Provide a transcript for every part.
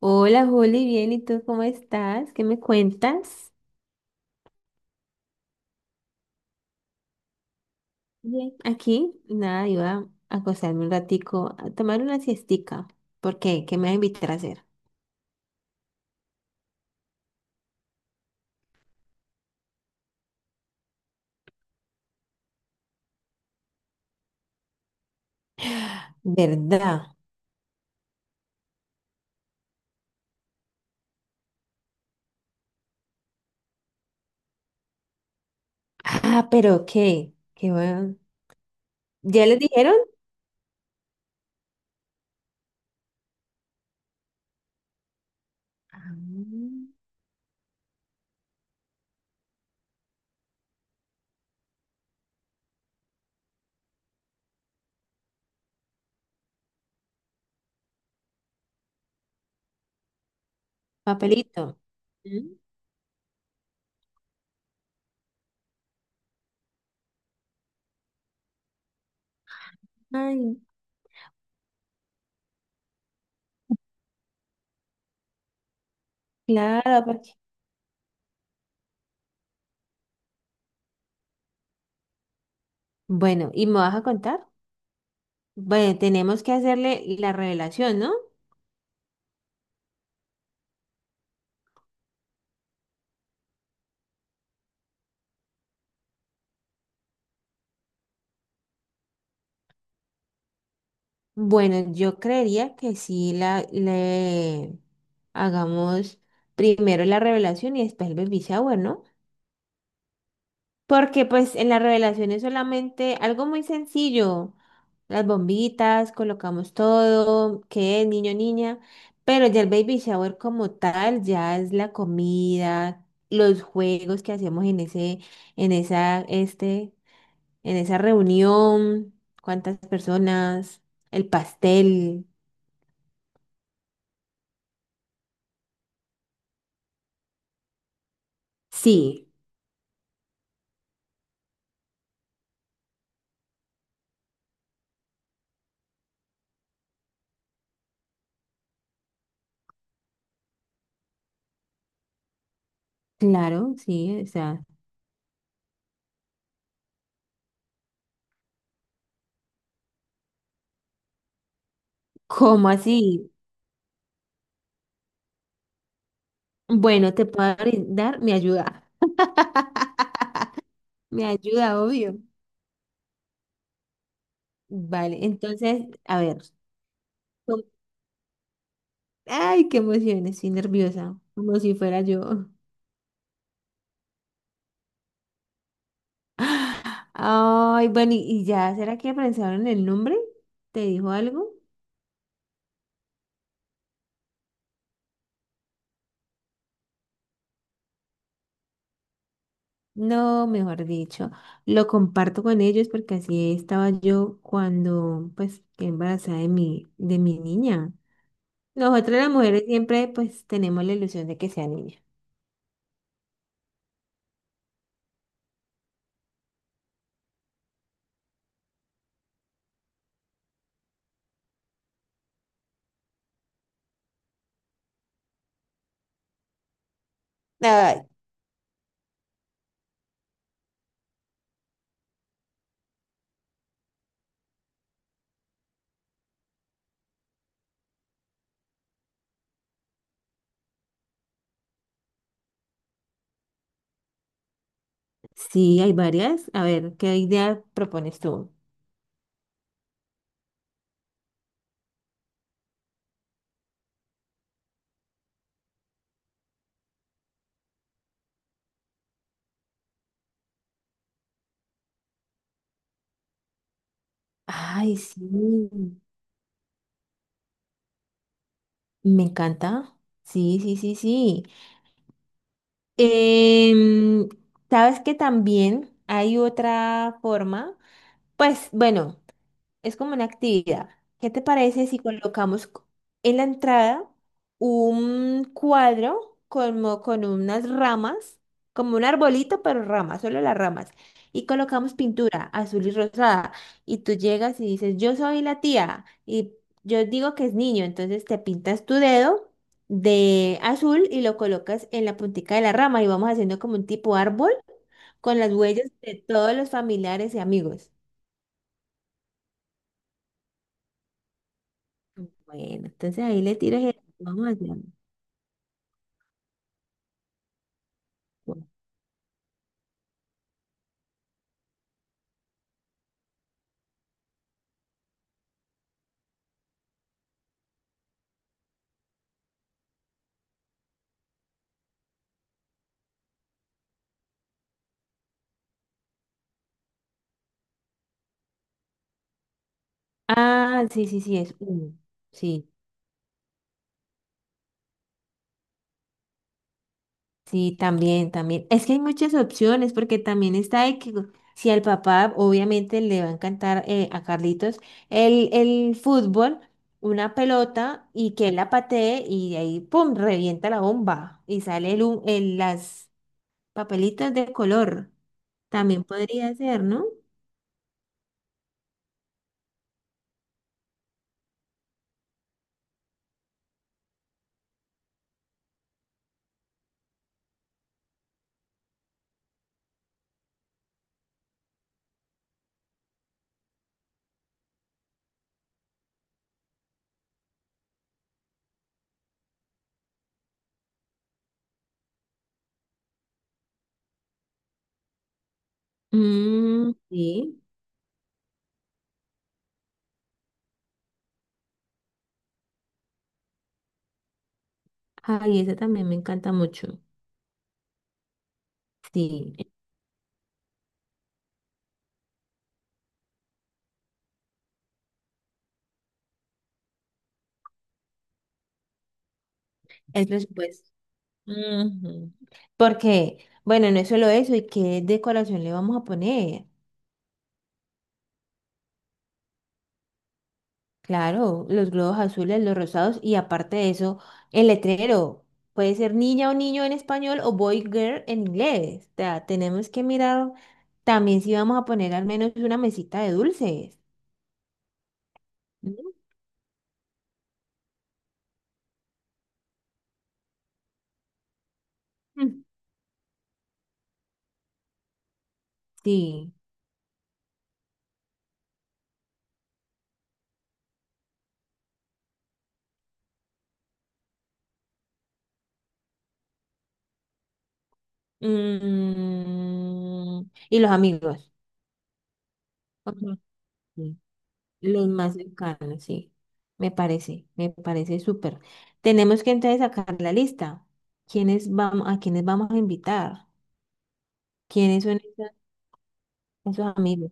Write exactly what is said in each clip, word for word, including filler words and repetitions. Hola, Juli, bien, ¿y tú cómo estás? ¿Qué me cuentas? Bien, aquí, nada, iba a acostarme un ratico, a tomar una siestica. ¿Por qué? ¿Qué me vas a invitar a hacer? ¿Verdad? Ah, pero qué, qué bueno. ¿Ya les dijeron? Ah, papelito. ¿Mm? Ay, claro, porque... Bueno, ¿y me vas a contar? Bueno, tenemos que hacerle la revelación, ¿no? Bueno, yo creería que sí la, le hagamos primero la revelación y después el baby shower, ¿no? Porque pues en la revelación es solamente algo muy sencillo. Las bombitas, colocamos todo, que niño, niña. Pero ya el baby shower como tal, ya es la comida, los juegos que hacemos en ese, en esa, este, en esa reunión, cuántas personas, el pastel. Sí. Claro, sí, o sea, ¿cómo así? Bueno, te puedo brindar mi ayuda. Mi ayuda, obvio. Vale, entonces, a ver. com- Ay, qué emoción, estoy nerviosa, como si fuera yo. Ay, bueno, ¿y y ya? ¿Será que pensaron el nombre? ¿Te dijo algo? No, mejor dicho, lo comparto con ellos porque así estaba yo cuando, pues, quedé embarazada de mi, de mi niña. Nosotras las mujeres siempre pues tenemos la ilusión de que sea niña. Ay, sí, hay varias. A ver, ¿qué idea propones tú? Ay, sí, me encanta. Sí, sí, sí, sí. Em, sabes que también hay otra forma. Pues bueno. Es como una actividad. ¿Qué te parece si colocamos c- en la entrada un cuadro como con unas ramas, como un arbolito, pero ramas, solo las ramas? Y colocamos pintura azul y rosada. Y tú llegas y dices, yo soy la tía. Y yo digo que es niño, entonces te pintas tu dedo de azul y lo colocas en la puntica de la rama y vamos haciendo como un tipo árbol con las huellas de todos los familiares y amigos. Bueno, entonces ahí le tiras el... Vamos haciendo. Ah, sí, sí, sí, es uno. Sí, sí, también, también. Es que hay muchas opciones porque también está de que si al papá obviamente le va a encantar eh, a Carlitos el, el fútbol, una pelota y que él la patee y de ahí, ¡pum!, revienta la bomba y sale el, hum- el- las papelitas de color. También podría ser, ¿no? Mm, sí. Ay, esa también me encanta mucho. Sí. Es presupuesto. Ujú. Porque, bueno, no es solo eso, ¿y qué decoración le vamos a poner? Claro, los globos azules, los rosados y aparte de eso, el letrero. Puede ser niña o niño en español o boy girl en inglés. O sea, tenemos que mirar también si vamos a poner al menos una mesita de dulces. Mm. Sí. Mm, y los amigos. Ujú. Los más cercanos, sí. Me parece, me parece súper. Tenemos que entonces sacar la lista. ¿Quiénes vamos, a quiénes vamos a invitar? ¿Quiénes son esa- esos amigos?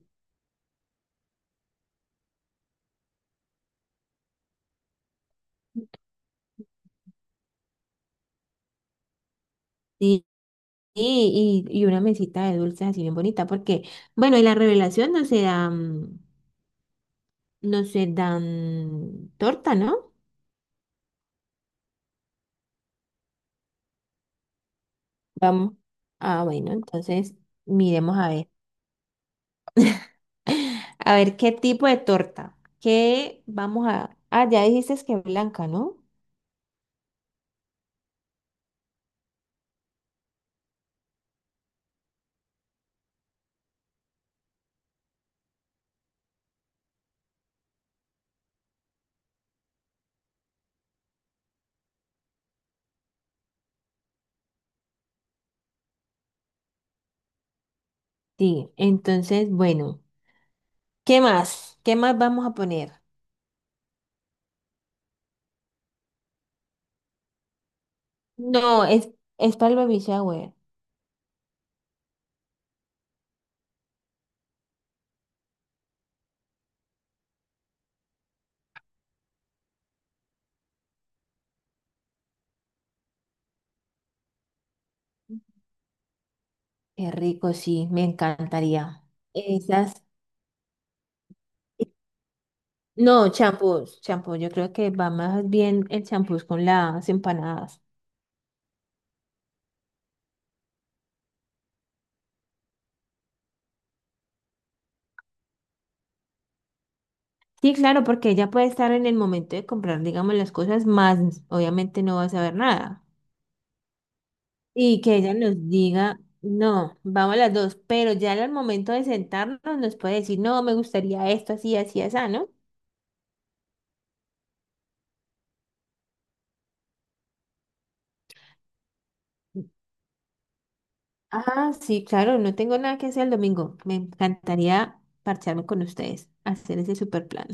Sí, y, y, y una mesita de dulces así bien bonita, porque, bueno, y la revelación no se dan, no se dan torta, ¿no? Vamos. Ah, bueno, entonces miremos a ver. A ver qué tipo de torta. ¿Qué vamos a... Ah, ya dijiste es que blanca, ¿no? Sí, entonces, bueno, ¿qué más? ¿Qué más vamos a poner? No, es, es para el baby shower. Qué rico, sí, me encantaría. Esas, no, champús, champú, yo creo que va más bien el champús con las empanadas. Sí, claro, porque ella puede estar en el momento de comprar, digamos, las cosas, más obviamente no va a saber nada. Y que ella nos diga, no, vamos las dos, pero ya al momento de sentarnos nos puede decir, no, me gustaría esto, así, así, así, ¿no? Ah, sí, claro, no tengo nada que hacer el domingo. Me encantaría parcharme con ustedes, hacer ese super plan.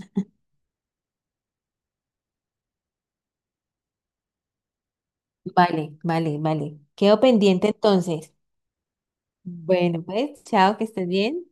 Vale, vale, vale. Quedo pendiente entonces. Bueno, pues, chao, que estés bien.